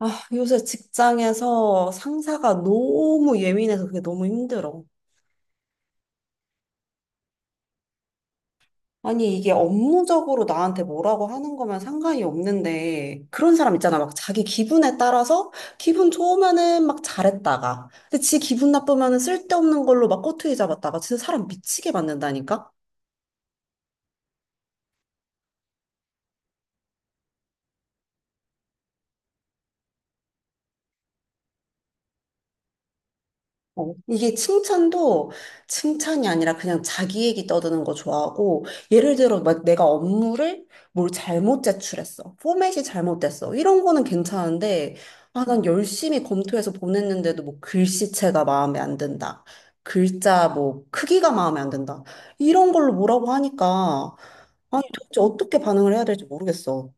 아, 요새 직장에서 상사가 너무 예민해서 그게 너무 힘들어. 아니, 이게 업무적으로 나한테 뭐라고 하는 거면 상관이 없는데, 그런 사람 있잖아. 막 자기 기분에 따라서 기분 좋으면은 막 잘했다가, 근데 지 기분 나쁘면은 쓸데없는 걸로 막 꼬투리 잡았다가, 진짜 사람 미치게 만든다니까? 어, 이게 칭찬도 칭찬이 아니라 그냥 자기 얘기 떠드는 거 좋아하고, 예를 들어, 막 내가 업무를 뭘 잘못 제출했어. 포맷이 잘못됐어. 이런 거는 괜찮은데, 아, 난 열심히 검토해서 보냈는데도 뭐 글씨체가 마음에 안 든다. 글자 뭐 크기가 마음에 안 든다. 이런 걸로 뭐라고 하니까, 아니 도대체 어떻게 반응을 해야 될지 모르겠어.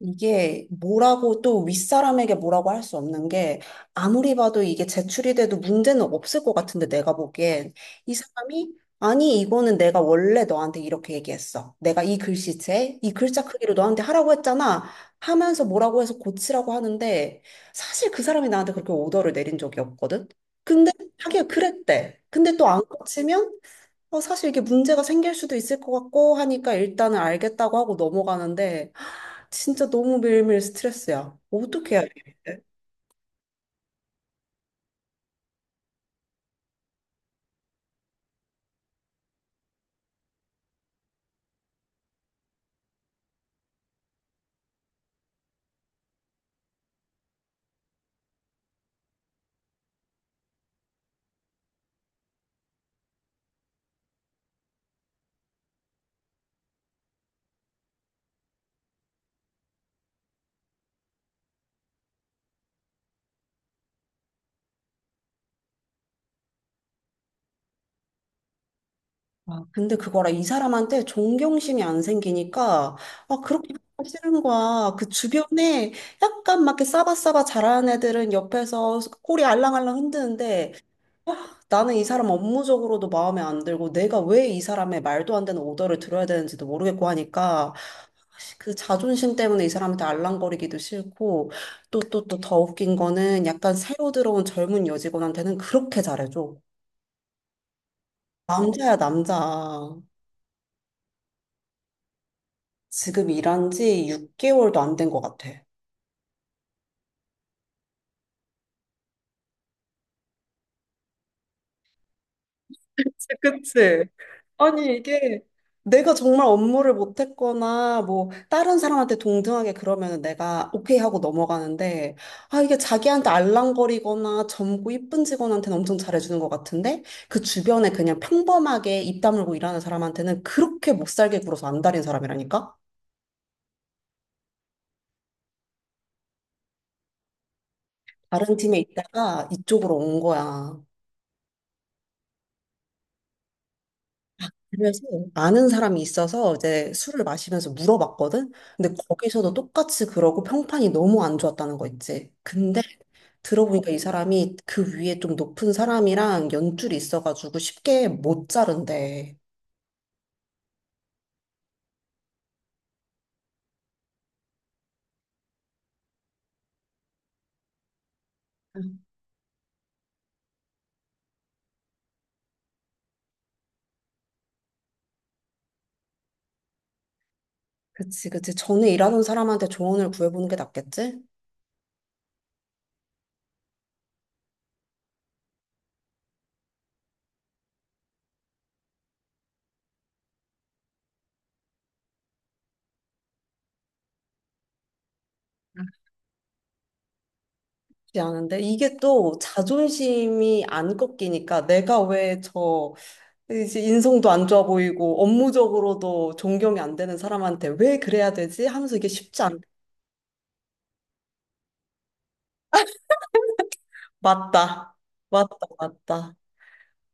이게 뭐라고 또 윗사람에게 뭐라고 할 수 없는 게 아무리 봐도 이게 제출이 돼도 문제는 없을 것 같은데 내가 보기엔 이 사람이 아니 이거는 내가 원래 너한테 이렇게 얘기했어. 내가 이 글씨체, 이 글자 크기로 너한테 하라고 했잖아. 하면서 뭐라고 해서 고치라고 하는데 사실 그 사람이 나한테 그렇게 오더를 내린 적이 없거든. 근데 하기가 그랬대. 근데 또 안 고치면 어, 사실 이게 문제가 생길 수도 있을 것 같고 하니까 일단은 알겠다고 하고 넘어가는데 하, 진짜 너무 매일매일 스트레스야. 어떻게 해야 되 돼? 아, 근데 그거라 이 사람한테 존경심이 안 생기니까 아 그렇게 하기 싫은 거야. 그 주변에 약간 막 이렇게 싸바싸바 잘하는 애들은 옆에서 꼬리 알랑알랑 흔드는데 나는 이 사람 업무적으로도 마음에 안 들고 내가 왜 이 사람의 말도 안 되는 오더를 들어야 되는지도 모르겠고 하니까 그 자존심 때문에 이 사람한테 알랑거리기도 싫고 또 더 웃긴 거는 약간 새로 들어온 젊은 여직원한테는 그렇게 잘해줘. 남자야 남자. 지금 일한 지 6개월도 안 된 것 같아. 그치? 아니, 이게 내가 정말 업무를 못했거나, 뭐, 다른 사람한테 동등하게 그러면은 내가 오케이 하고 넘어가는데, 아, 이게 자기한테 알랑거리거나 젊고 이쁜 직원한테는 엄청 잘해주는 것 같은데, 그 주변에 그냥 평범하게 입 다물고 일하는 사람한테는 그렇게 못 살게 굴어서 안달인 사람이라니까? 다른 팀에 있다가 이쪽으로 온 거야. 그래서 아는 사람이 있어서 이제 술을 마시면서 물어봤거든? 근데 거기서도 똑같이 그러고 평판이 너무 안 좋았다는 거 있지. 근데 들어보니까 이 사람이 그 위에 좀 높은 사람이랑 연줄이 있어가지고 쉽게 못 자른대. 음, 그치, 그치. 전에 일하는 사람한테 조언을 구해보는 게 낫겠지? 낫지 않은데 이게 또 자존심이 안 꺾이니까 내가 왜저 이제 인성도 안 좋아 보이고 업무적으로도 존경이 안 되는 사람한테 왜 그래야 되지? 하면서 이게 쉽지 않. 맞다. 맞다. 맞다.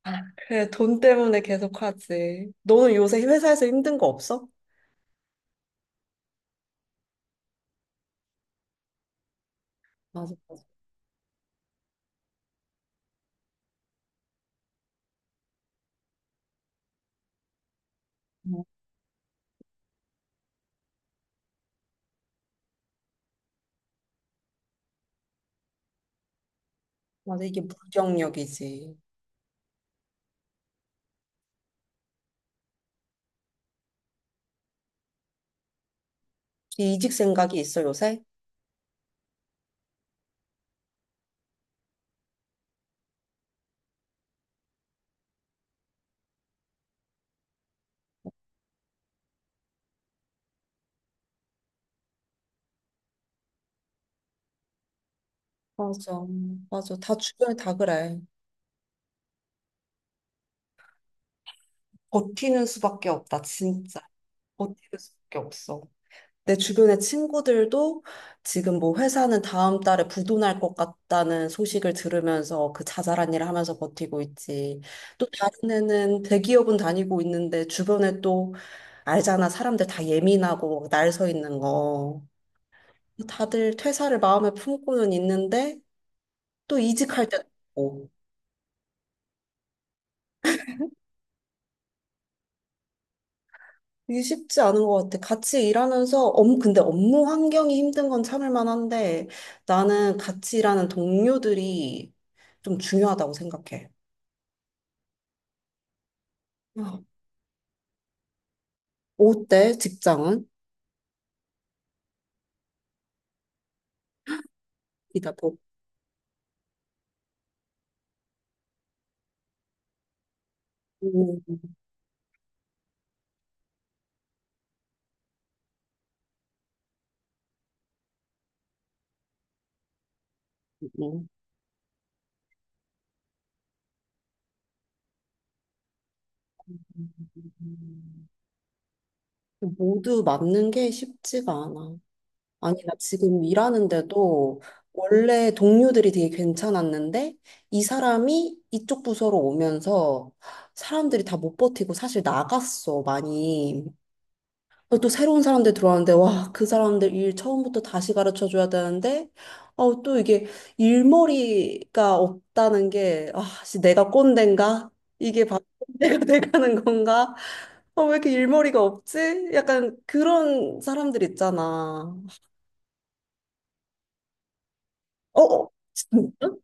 아, 그래, 돈 때문에 계속 하지. 너는 요새 회사에서 힘든 거 없어? 맞아, 맞아. 어, 맞아, 이게 무경력이지. 이직 생각이 있어, 요새? 맞아, 맞아. 다 주변에 다 그래. 버티는 수밖에 없다, 진짜. 버티는 수밖에 없어. 내 주변의 친구들도 지금 뭐 회사는 다음 달에 부도날 것 같다는 소식을 들으면서 그 자잘한 일을 하면서 버티고 있지. 또 다른 애는 대기업은 다니고 있는데 주변에 또 알잖아. 사람들 다 예민하고 날 서 있는 거. 다들 퇴사를 마음에 품고는 있는데 또 이직할 때도 있고. 이게 쉽지 않은 것 같아. 같이 일하면서, 근데 업무 환경이 힘든 건 참을 만한데, 나는 같이 일하는 동료들이 좀 중요하다고 생각해. 아, 어때, 직장은? 이다 보. 음, 음, 음. 모두 맞는 게 쉽지가 않아. 아니, 나 지금 일하는데도 원래 동료들이 되게 괜찮았는데, 이 사람이 이쪽 부서로 오면서 사람들이 다 못 버티고 사실 나갔어, 많이. 어, 또 새로운 사람들 들어왔는데, 와, 그 사람들 일 처음부터 다시 가르쳐 줘야 되는데, 어, 또 이게 일머리가 없다는 게, 아, 씨, 내가 꼰대인가? 이게 바로 꼰대가 돼가는 건가? 어, 왜 이렇게 일머리가 없지? 약간 그런 사람들 있잖아. 어, 어, 진짜?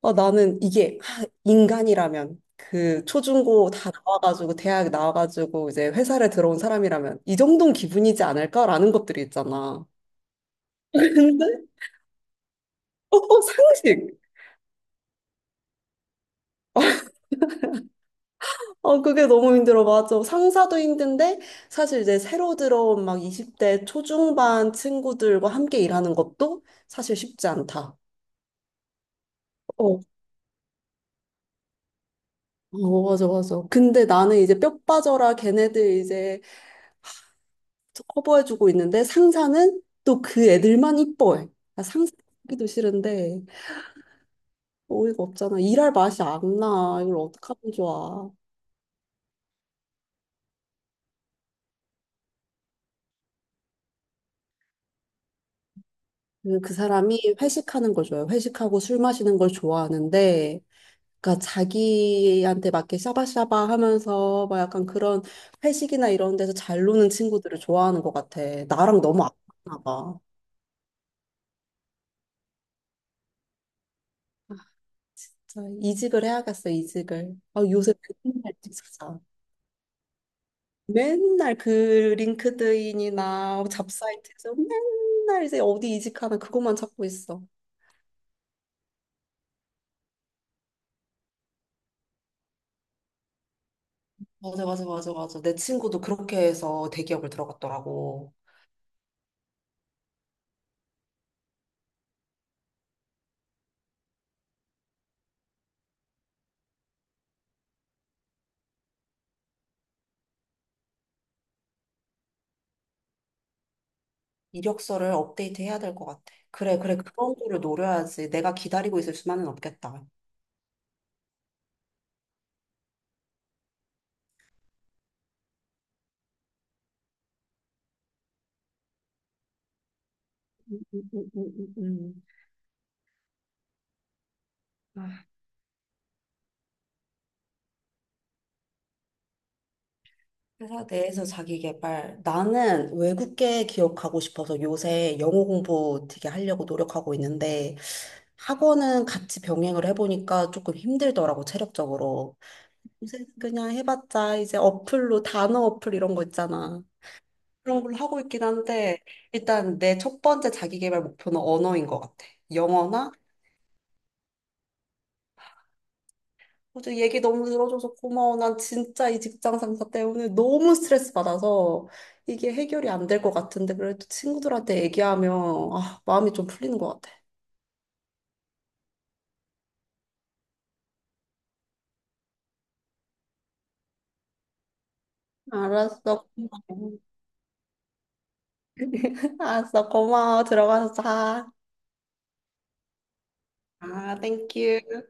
어, 나는 이게 하, 인간이라면, 그 초중고 다 나와가지고, 대학 나와가지고, 이제 회사를 들어온 사람이라면, 이 정도는 기분이지 않을까라는 것들이 있잖아. 어, 상식. 어, 그게 너무 힘들어. 맞아. 상사도 힘든데, 사실 이제 새로 들어온 막 20대 초중반 친구들과 함께 일하는 것도 사실 쉽지 않다. 어, 어, 맞아, 맞아. 근데 나는 이제 뼈 빠져라 걔네들 이제 커버해주고 있는데, 상사는 또 그 애들만 이뻐해. 나 상사 하기도 싫은데, 어이가 없잖아. 일할 맛이 안 나. 이걸 어떡하면 좋아. 그, 그 사람이 회식하는 걸 좋아해. 회식하고 술 마시는 걸 좋아하는데, 그러니까 자기한테 맞게 샤바샤바 하면서 막 약간 그런 회식이나 이런 데서 잘 노는 친구들을 좋아하는 것 같아. 나랑 너무 안 맞나 봐. 진짜 이직을 해야겠어, 이직을. 아, 요새 맨날 진짜 맨날 그 링크드인이나 잡사이트에서 맨날 이제 어디 이직하나 그것만 찾고 있어. 맞아, 맞아, 맞아, 맞아. 내 친구도 그렇게 해서 대기업을 들어갔더라고. 이력서를 업데이트 해야 될 것 같아. 그래, 그래. 그런 거를 노려야지. 내가 기다리고 있을 수만은 없겠다. 음, 음, 음. 아, 회사 내에서 자기 개발. 나는 외국계 기억하고 싶어서 요새 영어 공부 되게 하려고 노력하고 있는데 학원은 같이 병행을 해보니까 조금 힘들더라고, 체력적으로. 요새 그냥 해봤자 이제 어플로 단어 어플 이런 거 있잖아. 그런 걸로 하고 있긴 한데 일단 내 첫 번째 자기 개발 목표는 언어인 것 같아. 영어나 어제 얘기 너무 들어줘서 고마워. 난 진짜 이 직장 상사 때문에 너무 스트레스 받아서 이게 해결이 안 될 것 같은데 그래도 친구들한테 얘기하면 아, 마음이 좀 풀리는 것 같아. 알았어. 고마워. 알았어. 고마워. 들어가서 자. 아, 땡큐.